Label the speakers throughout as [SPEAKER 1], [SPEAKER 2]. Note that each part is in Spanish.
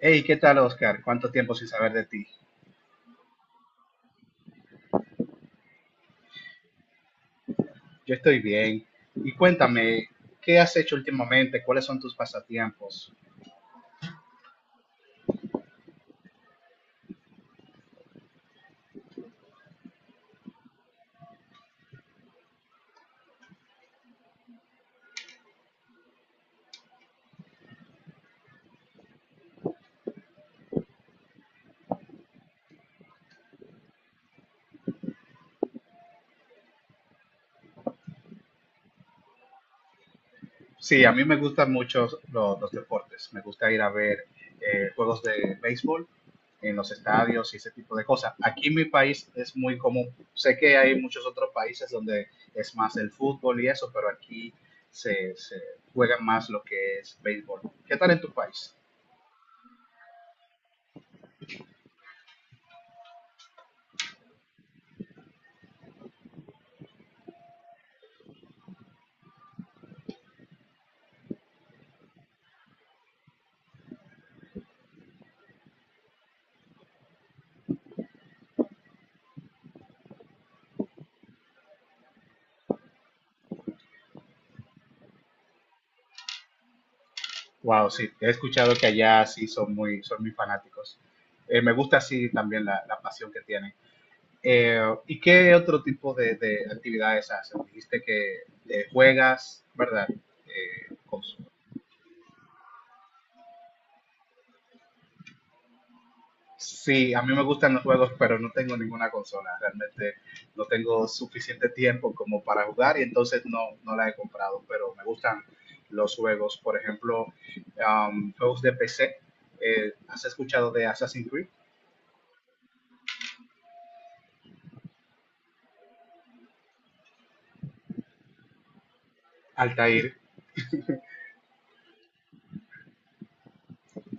[SPEAKER 1] Hey, ¿qué tal, Oscar? ¿Cuánto tiempo sin saber de ti? Yo estoy bien. Y cuéntame, ¿qué has hecho últimamente? ¿Cuáles son tus pasatiempos? Sí, a mí me gustan mucho los deportes. Me gusta ir a ver juegos de béisbol en los estadios y ese tipo de cosas. Aquí en mi país es muy común. Sé que hay muchos otros países donde es más el fútbol y eso, pero aquí se juega más lo que es béisbol. ¿Qué tal en tu país? Wow, sí, he escuchado que allá sí son muy fanáticos. Me gusta así también la pasión que tienen. Eh, ¿Y qué otro tipo de actividades hacen? Dijiste que juegas, ¿verdad? Eh, cons- sí, a mí me gustan los juegos, pero no tengo ninguna consola. Realmente no tengo suficiente tiempo como para jugar y entonces no la he comprado, pero me gustan los juegos. Por ejemplo, juegos de PC. ¿Has escuchado de Assassin's Creed? Altair.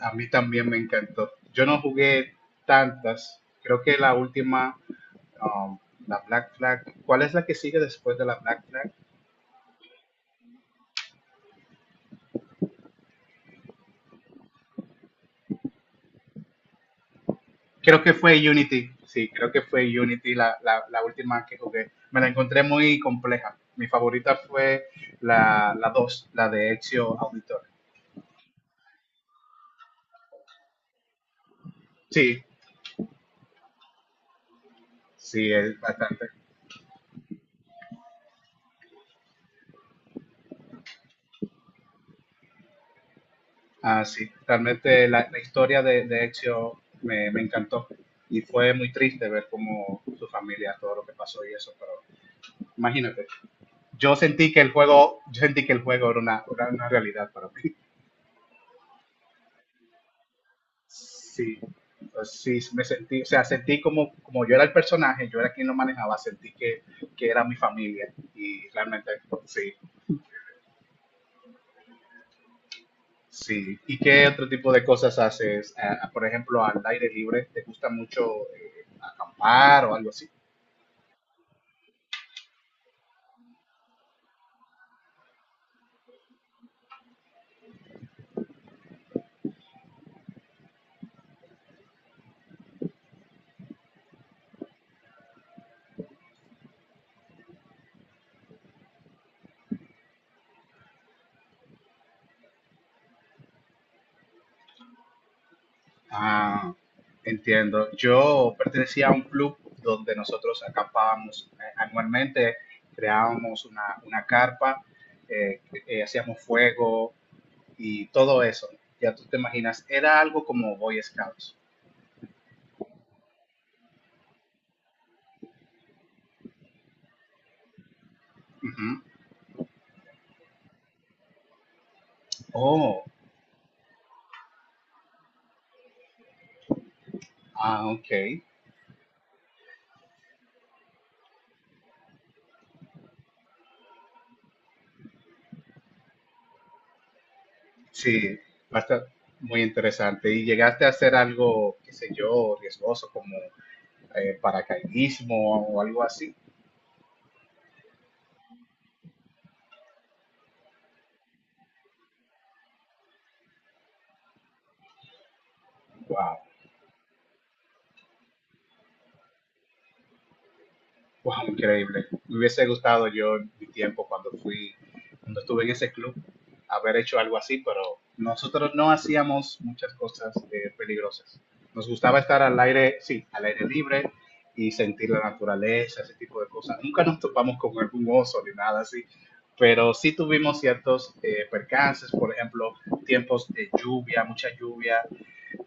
[SPEAKER 1] A mí también me encantó. Yo no jugué tantas. Creo que la última, um, la Black Flag. ¿Cuál es la que sigue después de la Black Flag? Creo que fue Unity. Sí, creo que fue Unity la última que jugué. Me la encontré muy compleja. Mi favorita fue la 2 la de Ezio Auditor. Sí, sí, es bastante. Ah, sí, realmente la historia de Ezio me encantó. Y fue muy triste ver cómo su familia, todo lo que pasó y eso, pero imagínate. Yo sentí que el juego era era una realidad para mí. Sí. Pues sí, me sentí, o sea, sentí como, como yo era el personaje, yo era quien lo manejaba, sentí que era mi familia y realmente sí, sí. ¿Y qué otro tipo de cosas haces? Ah, por ejemplo, al aire libre, ¿te gusta mucho acampar o algo así? Ah, entiendo. Yo pertenecía a un club donde nosotros acampábamos anualmente, creábamos una carpa, hacíamos fuego y todo eso. Ya tú te imaginas, era algo como Boy Scouts. Ujú. Oh, ah, ok. Sí, bastante, muy interesante. ¿Y llegaste a hacer algo, qué sé yo, riesgoso como paracaidismo o algo así? Wow. Wow, increíble. Me hubiese gustado yo en mi tiempo cuando estuve en ese club, haber hecho algo así, pero nosotros no hacíamos muchas cosas peligrosas. Nos gustaba estar al aire, sí, al aire libre y sentir la naturaleza, ese tipo de cosas. Nunca nos topamos con algún oso ni nada así, pero sí tuvimos ciertos percances, por ejemplo, tiempos de lluvia, mucha lluvia,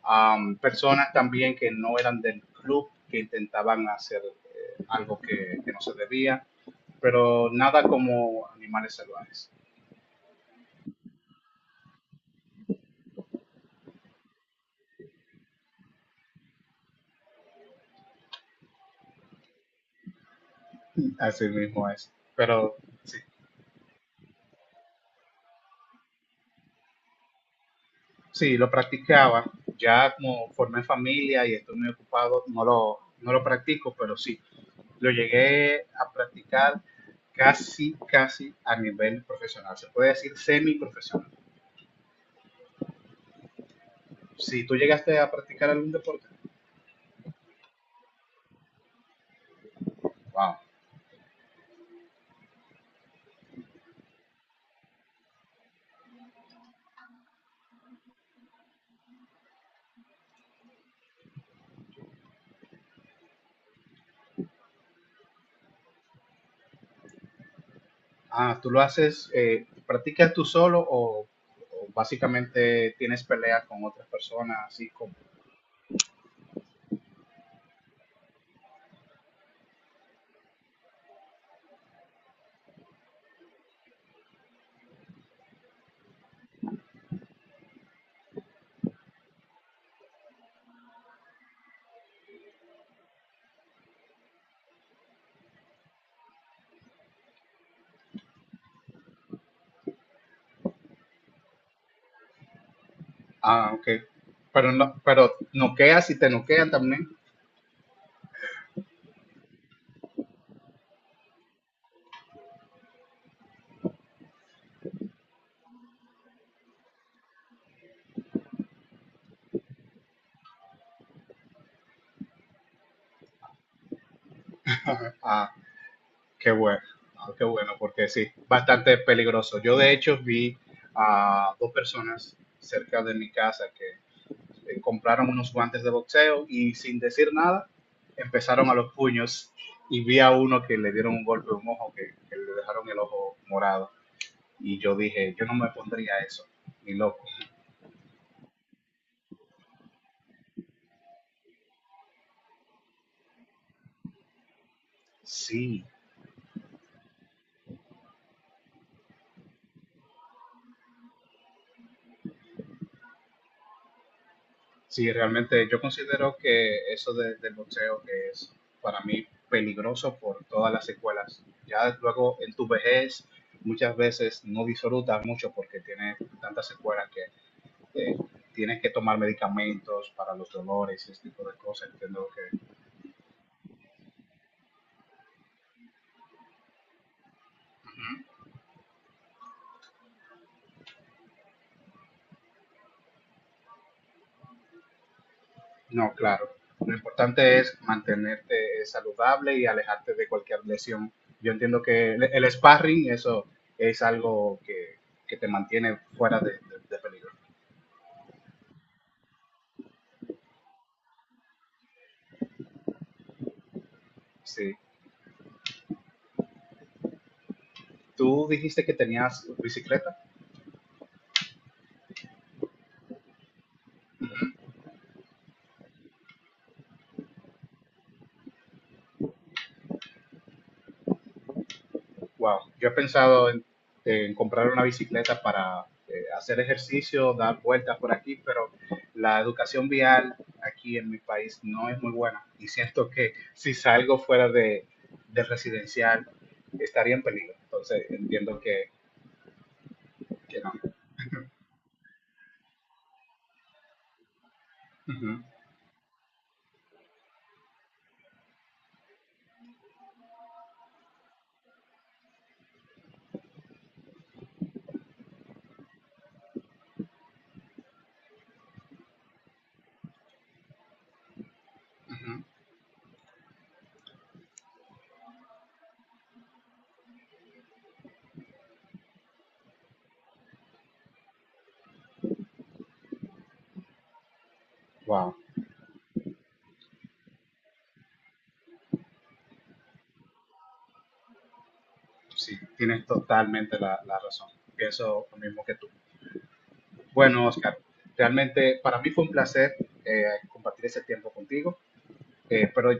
[SPEAKER 1] personas también que no eran del club, que intentaban hacer algo que no se debía, pero nada como animales salvajes. Así mismo es. Pero sí, sí, lo practicaba. Ya como formé familia y estoy muy ocupado, no lo practico, pero sí, lo llegué a practicar casi, casi a nivel profesional. Se puede decir semi-profesional. Si tú llegaste a practicar algún deporte, wow. Ah, tú lo haces, ¿practicas tú solo o básicamente tienes peleas con otras personas, así como? Ah, ok. Pero no, pero noqueas y te noquean también. Ah, qué bueno, ah, qué bueno, porque sí, bastante peligroso. Yo de hecho vi a dos personas cerca de mi casa que compraron unos guantes de boxeo y sin decir nada empezaron a los puños y vi a uno que le dieron un golpe en un ojo que le dejaron el ojo morado. Y yo dije, yo no me pondría eso, ni loco. Sí, sí, realmente yo considero que eso del boxeo que es para mí peligroso por todas las secuelas. Ya luego en tu vejez muchas veces no disfrutas mucho porque tienes tantas secuelas que eh, tienes que tomar medicamentos para los dolores y ese tipo de cosas. Entiendo que no, claro. Lo importante es mantenerte saludable y alejarte de cualquier lesión. Yo entiendo que el sparring, eso es algo que te mantiene fuera de peligro. Sí. Tú dijiste que tenías bicicleta. Wow, yo he pensado en comprar una bicicleta para hacer ejercicio, dar vueltas por aquí, pero la educación vial aquí en mi país no es muy buena y siento que si salgo del residencial estaría en peligro. Entonces entiendo que no. Ujú, ujú. Wow, sí, tienes totalmente la razón. Pienso lo mismo que tú. Bueno, Oscar, realmente para mí fue un placer compartir ese tiempo contigo. Pero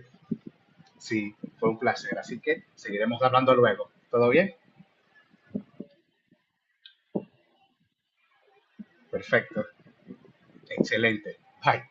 [SPEAKER 1] sí, fue un placer. Así que seguiremos hablando luego. ¿Todo bien? Perfecto. Excelente. Bye.